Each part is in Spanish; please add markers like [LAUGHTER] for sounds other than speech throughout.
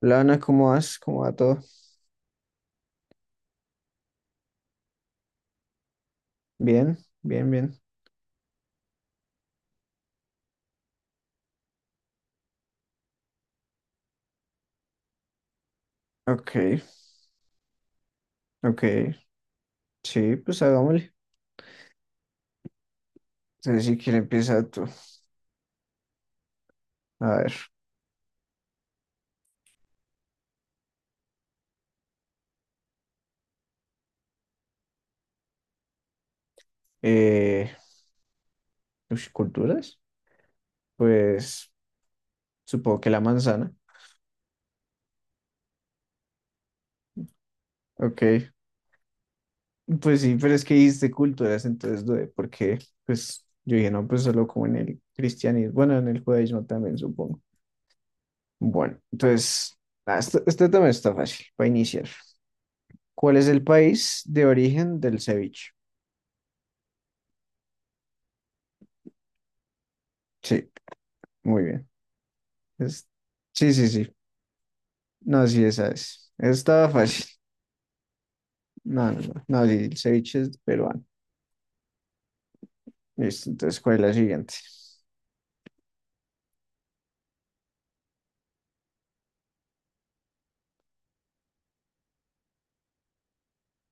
Lana, ¿cómo vas? ¿Cómo va todo? Bien, bien, bien. Ok, ok. Sí, pues hagámosle. Entonces, si quieres, empieza tú. A ver. Eh, ¿Culturas? Pues supongo que la manzana. Ok. Pues sí, pero es que dijiste culturas, entonces dudé, porque pues yo dije, no, pues solo como en el cristianismo, bueno, en el judaísmo también, supongo. Bueno, entonces, esto también está fácil para iniciar. ¿Cuál es el país de origen del ceviche? Sí, muy bien. Es- Sí, sí, sí. No, sí, esa es. Estaba fácil. [LAUGHS] No, no, no. No, sí, el ceviche es peruano. Listo, entonces, ¿cuál es la siguiente?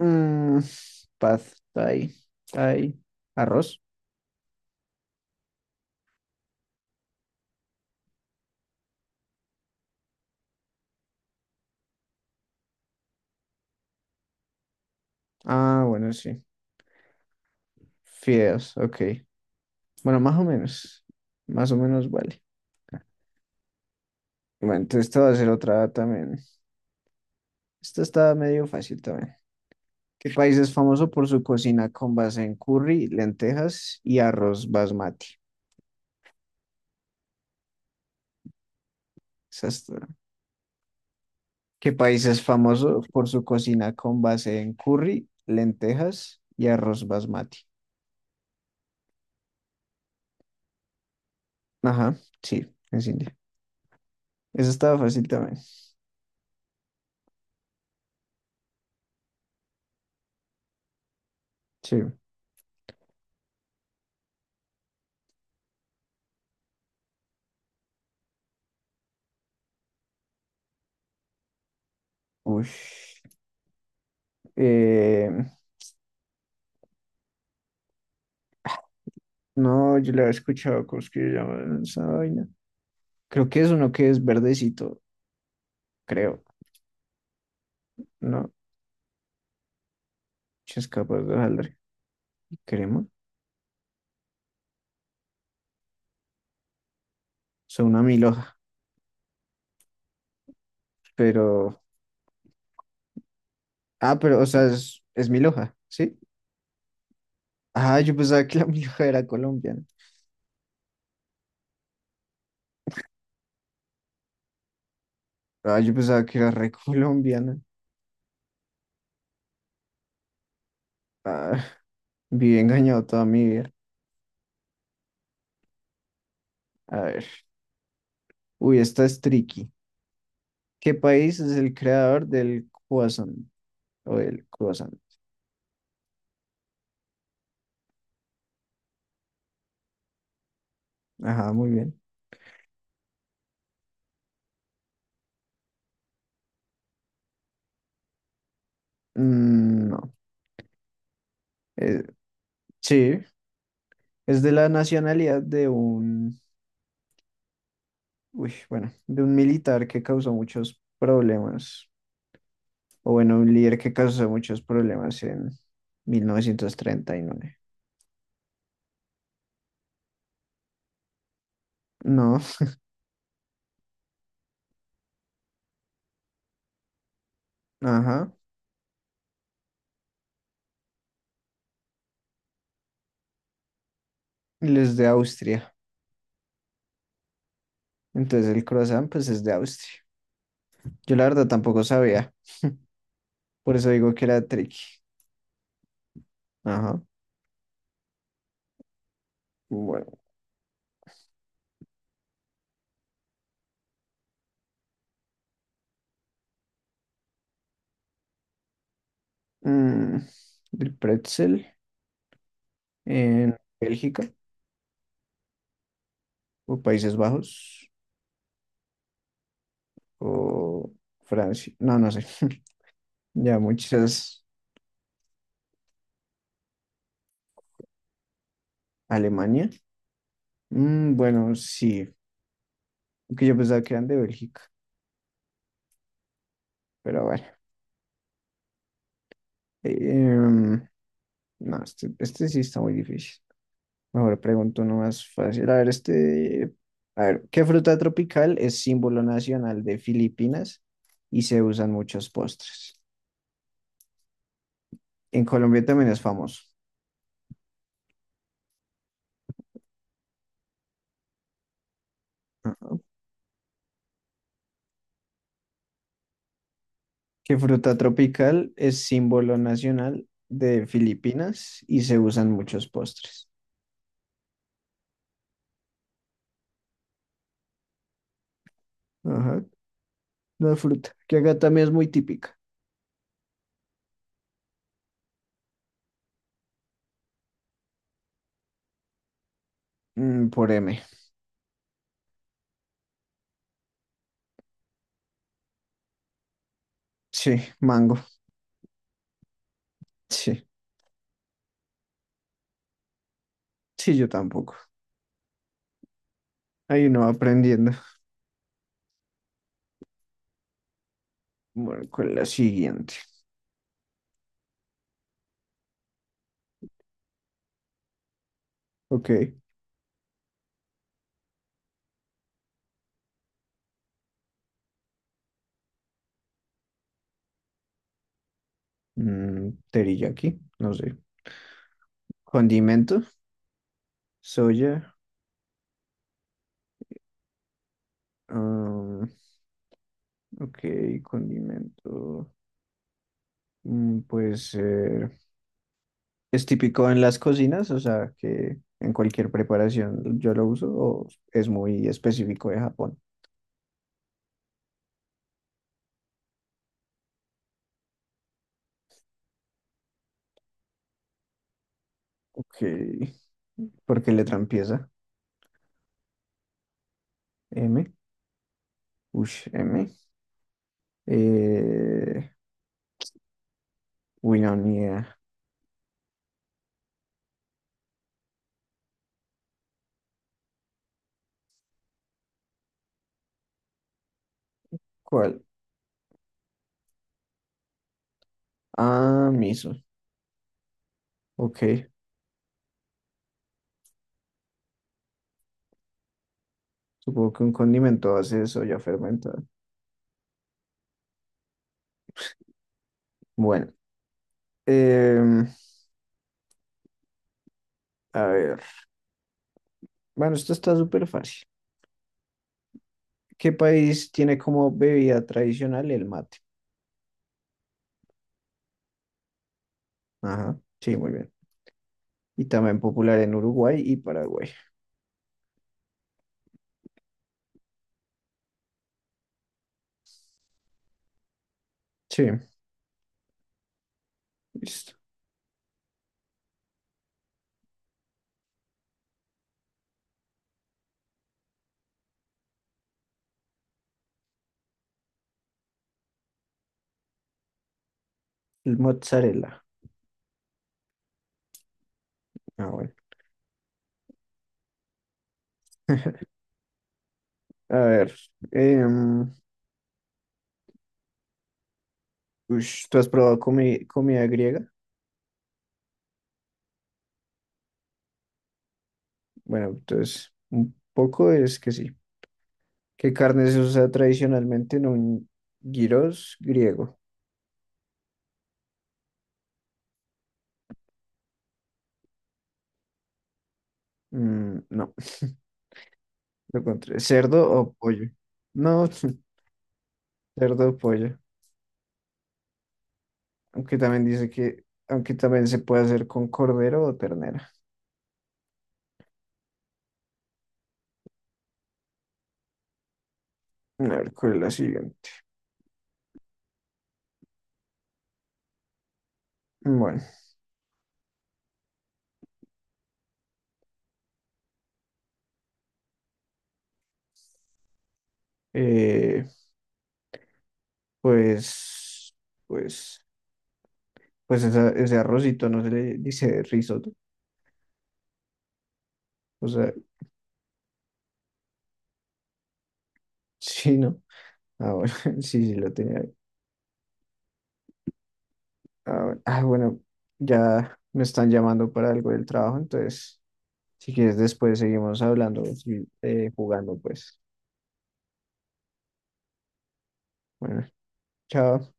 Mm, pad thai, thai, arroz. Ah, bueno, sí. Fideos, ok. Bueno, más o menos. Más o menos vale. Bueno, entonces esta va a ser otra también. Esta está medio fácil también. ¿Qué país es famoso por su cocina con base en curry, lentejas y arroz basmati? Esa está- ¿Qué país es famoso por su cocina con base en curry, lentejas y arroz basmati? Ajá, sí, es India. Eso estaba fácil también. Sí. Uy. Eh, no, yo le había escuchado cosas que llaman esa vaina. Creo que es uno que es verdecito, creo. No, si es capaz de jalar crema. Son una milhoja, pero. Ah, pero, o sea, es milhoja, ¿sí? Ah, yo pensaba que la [LAUGHS] milhoja era colombiana. Ah, yo pensaba que era re colombiana. Ah, vive engañado toda mi vida. A ver. Uy, esta es tricky. ¿Qué país es el creador del croissant? O el croissant. Ajá, muy bien. Mm, no. Eh, sí, es de la nacionalidad de uy, bueno, de un militar que causó muchos problemas. O bueno, un líder que causó muchos problemas en 1939. No, ajá. Él es de Austria. Entonces el croissant, pues es de Austria. Yo la verdad tampoco sabía. Por eso digo que era tricky. Ajá. Bueno, mm, el pretzel en Bélgica o Países Bajos o Francia. No, no sé. [LAUGHS] Ya muchas. Alemania. Mm, bueno, sí. Que yo pensaba que eran de Bélgica, pero bueno. Em, no, este sí está muy difícil. Mejor pregunto uno más fácil. A ver, este. A ver, ¿qué fruta tropical es símbolo nacional de Filipinas y se usan muchos postres? En Colombia también es famoso. Que fruta tropical es símbolo nacional de Filipinas y se usan muchos postres? Ajá, la fruta, que acá también es muy típica. Mm, por M. Sí, mango. Sí, sí, yo tampoco. Ahí no aprendiendo. Bueno, con la siguiente. Ok. Mm, teriyaki, no sé. Condimento, soya. ah, ok, condimento. Puede ser es típico en las cocinas, o sea, que en cualquier preparación yo lo uso, o es muy específico de Japón. Ok. ¿Por qué letra empieza? M. Ush, M. Eh, no, ni idea. ¿Cuál? Ah, miso. Ok. Supongo que un condimento hace eso ya fermentado. Bueno. em, a ver. Bueno, esto está súper fácil. ¿Qué país tiene como bebida tradicional el mate? Ajá. Sí, muy bien. Y también popular en Uruguay y Paraguay. Sí, listo. El mozzarella. Ah, bueno. A ver. em, ¿Tú has probado comida griega? Bueno, entonces, un poco es que sí. ¿Qué carne se usa tradicionalmente en un gyros griego? Mm, no, lo contrario. ¿Cerdo o pollo? No, [LAUGHS] cerdo o pollo. Aunque también dice que, aunque también se puede hacer con cordero o ternera. A ver, ¿cuál es la siguiente? Bueno, eh, pues, pues. Pues ese arrocito no se le dice risotto. O sea, [LAUGHS] sí, ¿no? Ah, bueno, [LAUGHS] sí, sí, lo tenía ahí. Bueno, Ah, bueno, ya me están llamando para algo del trabajo, entonces, si quieres, después seguimos hablando, sí, jugando, pues. Bueno, chao.